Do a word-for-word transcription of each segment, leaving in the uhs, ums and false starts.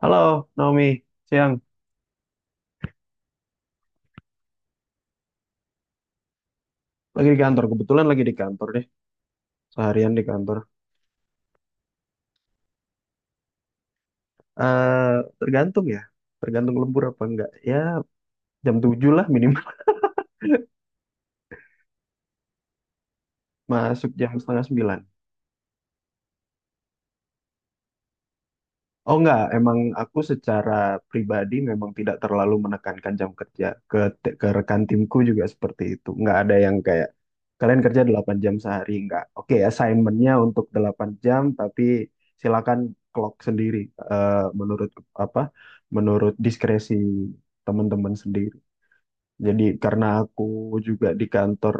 Halo, Naomi. Siang. Lagi di kantor. Kebetulan lagi di kantor deh. Seharian di kantor. Eh tergantung ya. Tergantung lembur apa enggak. Ya, jam tujuh lah minimal. Masuk jam setengah sembilan. Oh enggak, emang aku secara pribadi memang tidak terlalu menekankan jam kerja. Ke, te- ke rekan timku juga seperti itu. Enggak ada yang kayak, kalian kerja delapan jam sehari. Enggak. Oke, assignmentnya untuk delapan jam, tapi silakan clock sendiri. eh, Menurut apa? Menurut diskresi teman-teman sendiri. Jadi karena aku juga di kantor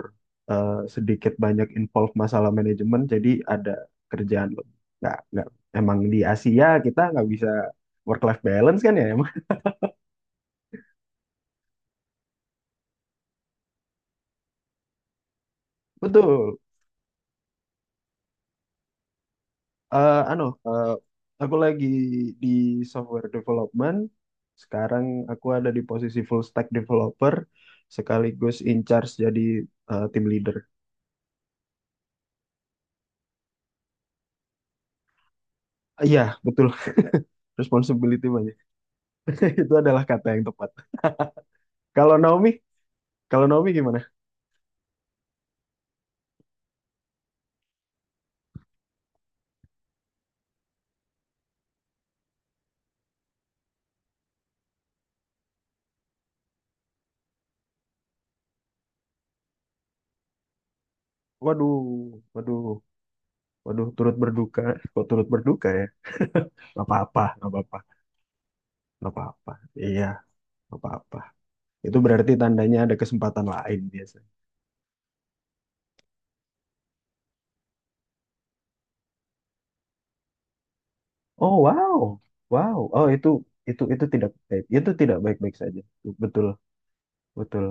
eh, sedikit banyak involve masalah manajemen, jadi ada kerjaan loh. Nggak, nggak. Emang di Asia kita nggak bisa work life balance kan ya emang. Betul. Eh anu, eh, aku lagi di software development. Sekarang aku ada di posisi full stack developer, sekaligus in charge jadi eh, team leader. Iya, betul. Responsibility banyak. Itu adalah kata yang tepat. Kalau Naomi, kalau Naomi gimana? Waduh, waduh, waduh, turut berduka. Kok turut berduka ya? Gak apa-apa, gak apa-apa, gak apa-apa. Iya, gak apa-apa. Itu berarti tandanya ada kesempatan lain biasanya. Oh, wow, wow. Oh, itu, itu, itu tidak baik. Itu tidak baik-baik saja. Betul, betul.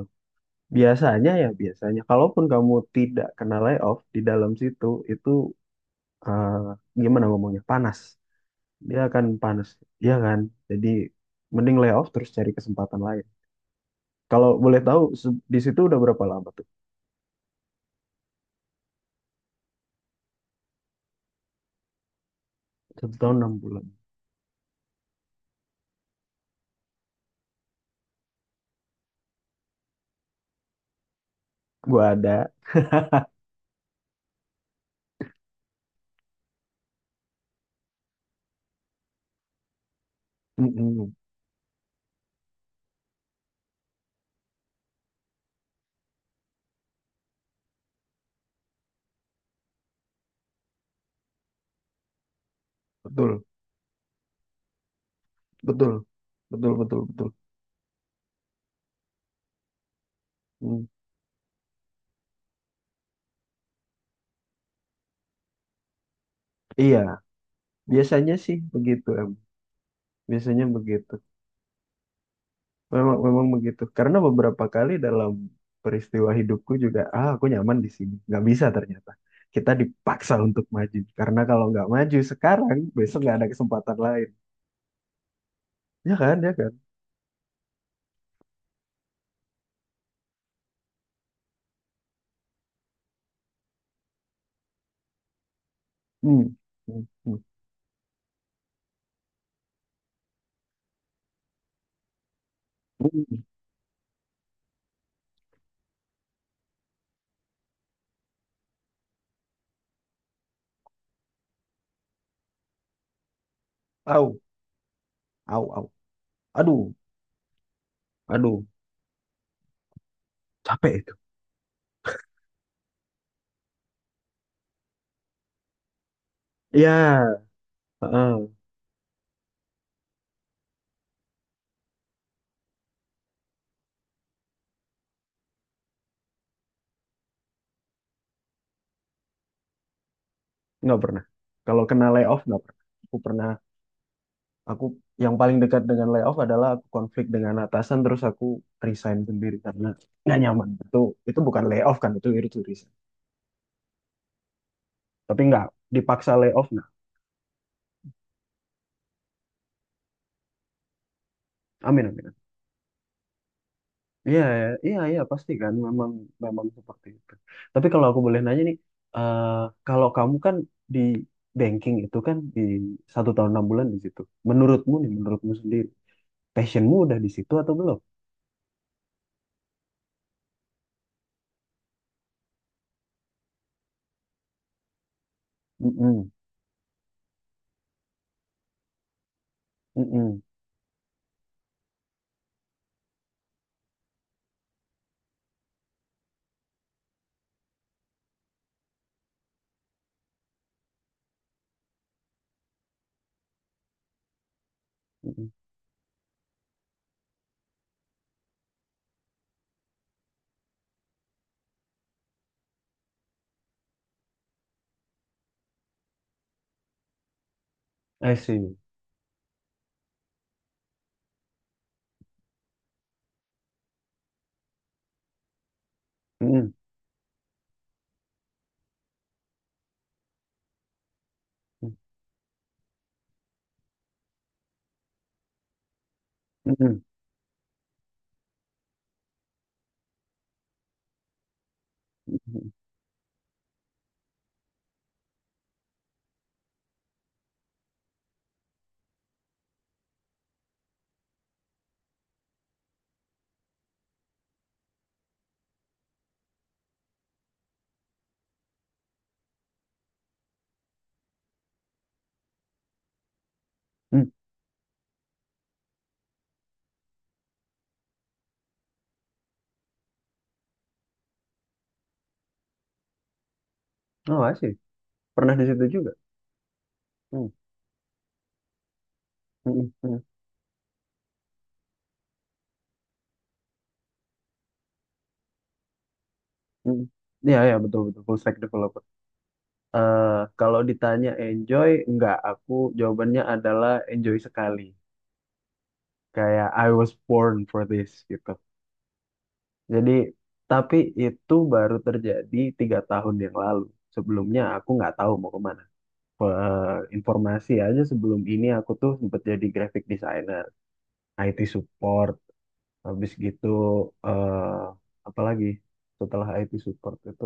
Biasanya ya, biasanya. Kalaupun kamu tidak kena layoff di dalam situ, itu, eh, gimana ngomongnya? Panas. Dia akan panas, iya kan? Jadi mending layoff terus cari kesempatan lain. Kalau boleh tahu, se- di situ udah berapa lama tuh? Satu tahun enam bulan. Gua ada. Mm-mm. Betul, betul, betul, betul, betul. Mm. Iya, biasanya sih begitu em. Biasanya begitu. Memang, memang begitu. Karena beberapa kali dalam peristiwa hidupku juga, ah aku nyaman di sini. Nggak bisa ternyata. Kita dipaksa untuk maju. Karena kalau nggak maju sekarang, besok nggak ada kesempatan lain. Ya kan, ya kan. Hmm. Hmm. Hmm. Hmm. Au, au, au. Aduh, aduh. Capek itu ya. Heeh. Nggak pernah. Kalau kena layoff nggak pernah. Aku pernah, aku yang paling dekat dengan layoff adalah aku konflik dengan atasan, terus aku resign sendiri karena nggak nyaman. Itu itu bukan layoff kan, itu itu resign, tapi nggak dipaksa layoff. Nah. Amin, amin. Iya, iya, iya, pasti kan. Memang, memang seperti itu. Tapi kalau aku boleh nanya nih, eh, kalau kamu kan di banking itu, kan di satu tahun enam bulan di situ, menurutmu nih, menurutmu sendiri, passionmu udah di situ atau belum? Mm-mm, mm-mm, mm-mm. I see. Mm-mm, mm, mm-mm, mm-mm, mm. Oh, I see. Pernah di situ juga. Mm, mm-mm, mm, mm. Iya, ya, betul, betul. Full stack developer. Eh, Kalau ditanya enjoy, enggak. Aku jawabannya adalah enjoy sekali. Kayak I was born for this, gitu. Jadi, tapi itu baru terjadi tiga tahun yang lalu. Sebelumnya aku nggak tahu mau kemana. Pe- informasi aja, sebelum ini aku tuh sempat jadi graphic designer. I T support. Habis gitu, eh apalagi setelah I T support itu,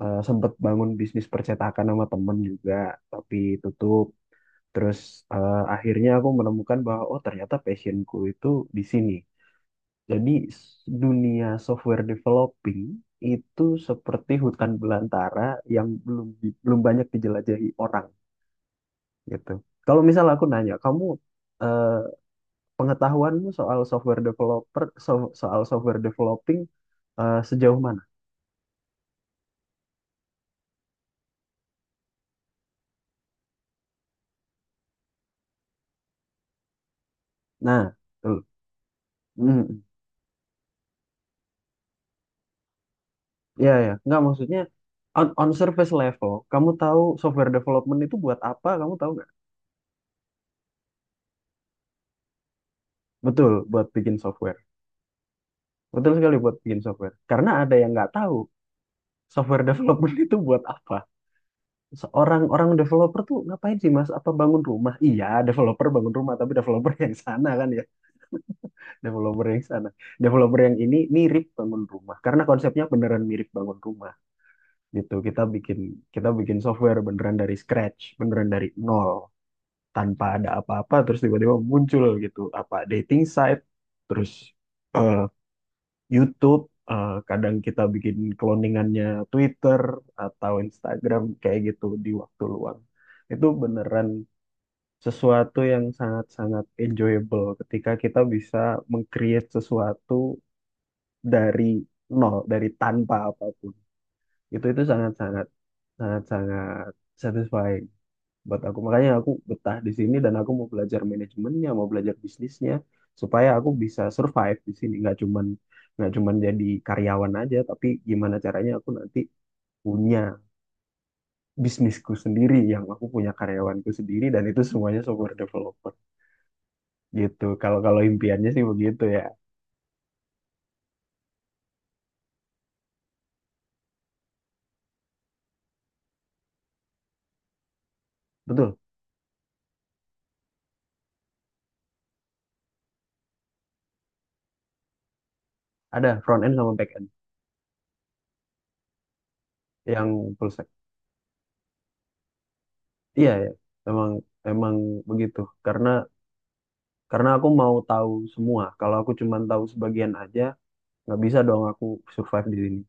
eh, sempet bangun bisnis percetakan sama temen juga, tapi tutup. Terus eh, akhirnya aku menemukan bahwa oh, ternyata passionku itu di sini. Jadi, s- dunia software developing itu seperti hutan belantara yang belum di- belum banyak dijelajahi orang, gitu. Kalau misal aku nanya kamu, eh, pengetahuanmu soal software developer so- soal software developing, eh, sejauh mana? Nah, tuh. Hmm. Ya, ya, nggak maksudnya on, on surface level, kamu tahu software development itu buat apa? Kamu tahu nggak? Betul, buat bikin software. Betul sekali, buat bikin software. Karena ada yang nggak tahu software development itu buat apa. Seorang orang developer tuh ngapain sih Mas? Apa bangun rumah? Iya, developer bangun rumah, tapi developer yang sana kan ya. Developer yang sana. Developer yang ini mirip bangun rumah, karena konsepnya beneran mirip bangun rumah gitu. Kita bikin kita bikin software beneran dari scratch, beneran dari nol, tanpa ada apa-apa terus tiba-tiba muncul gitu, apa dating site, terus eh, YouTube, eh, kadang kita bikin cloningannya Twitter atau Instagram kayak gitu di waktu luang. Itu beneran sesuatu yang sangat-sangat enjoyable, ketika kita bisa meng-create sesuatu dari nol, dari tanpa apapun. Itu itu sangat-sangat sangat-sangat satisfying buat aku. Makanya aku betah di sini, dan aku mau belajar manajemennya, mau belajar bisnisnya supaya aku bisa survive di sini. Nggak cuman nggak cuman jadi karyawan aja, tapi gimana caranya aku nanti punya bisnisku sendiri, yang aku punya karyawanku sendiri dan itu semuanya software developer gitu. Kalau kalau impiannya sih begitu ya. Betul. Ada front end sama back end yang full stack. Iya, ya. Emang emang begitu. Karena karena aku mau tahu semua. Kalau aku cuma tahu sebagian aja, nggak bisa dong aku survive di sini.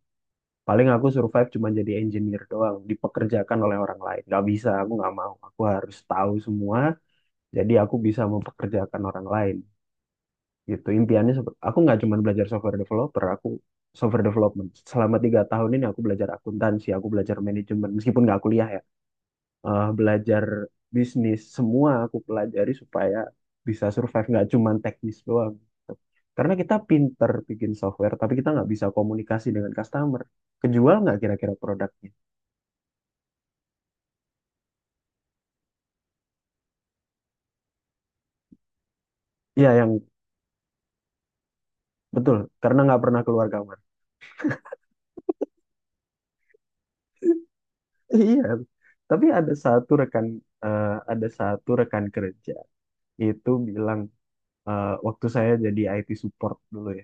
Paling aku survive cuma jadi engineer doang, dipekerjakan oleh orang lain. Nggak bisa, aku nggak mau. Aku harus tahu semua, jadi aku bisa mempekerjakan orang lain. Gitu. Impiannya, sep- aku nggak cuma belajar software developer, aku software development. Selama tiga tahun ini aku belajar akuntansi, aku belajar manajemen, meskipun nggak kuliah ya, eh, belajar bisnis, semua aku pelajari supaya bisa survive, nggak cuman teknis doang gitu. Karena kita pinter bikin software, tapi kita nggak bisa komunikasi dengan customer. Kejual nggak kira-kira produknya? Iya, yang betul, karena nggak pernah keluar kamar. Iya. Tapi ada satu rekan eh, ada satu rekan kerja itu bilang, eh, waktu saya jadi I T support dulu ya.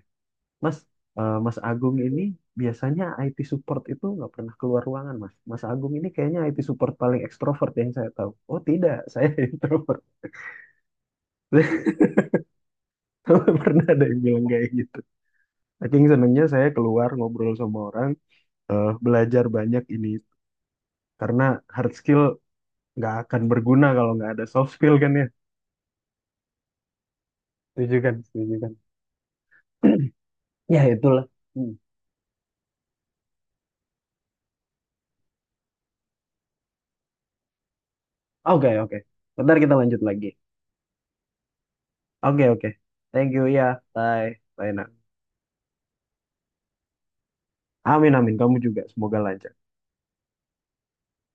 Mas, eh, Mas Agung ini, biasanya I T support itu nggak pernah keluar ruangan, Mas. Mas Agung ini kayaknya I T support paling ekstrovert yang saya tahu. Oh tidak, saya introvert. Saya nggak pernah ada yang bilang kayak gitu. Saking senangnya saya keluar ngobrol sama orang, eh, belajar banyak ini. Karena hard skill nggak akan berguna kalau nggak ada soft skill kan ya. Setuju kan? Setuju kan? Ya itulah. Hmm. Oke, oke. Bentar kita lanjut lagi. Oke, oke. Thank you ya. Bye. Bye, nak. Amin, amin. Kamu juga. Semoga lancar.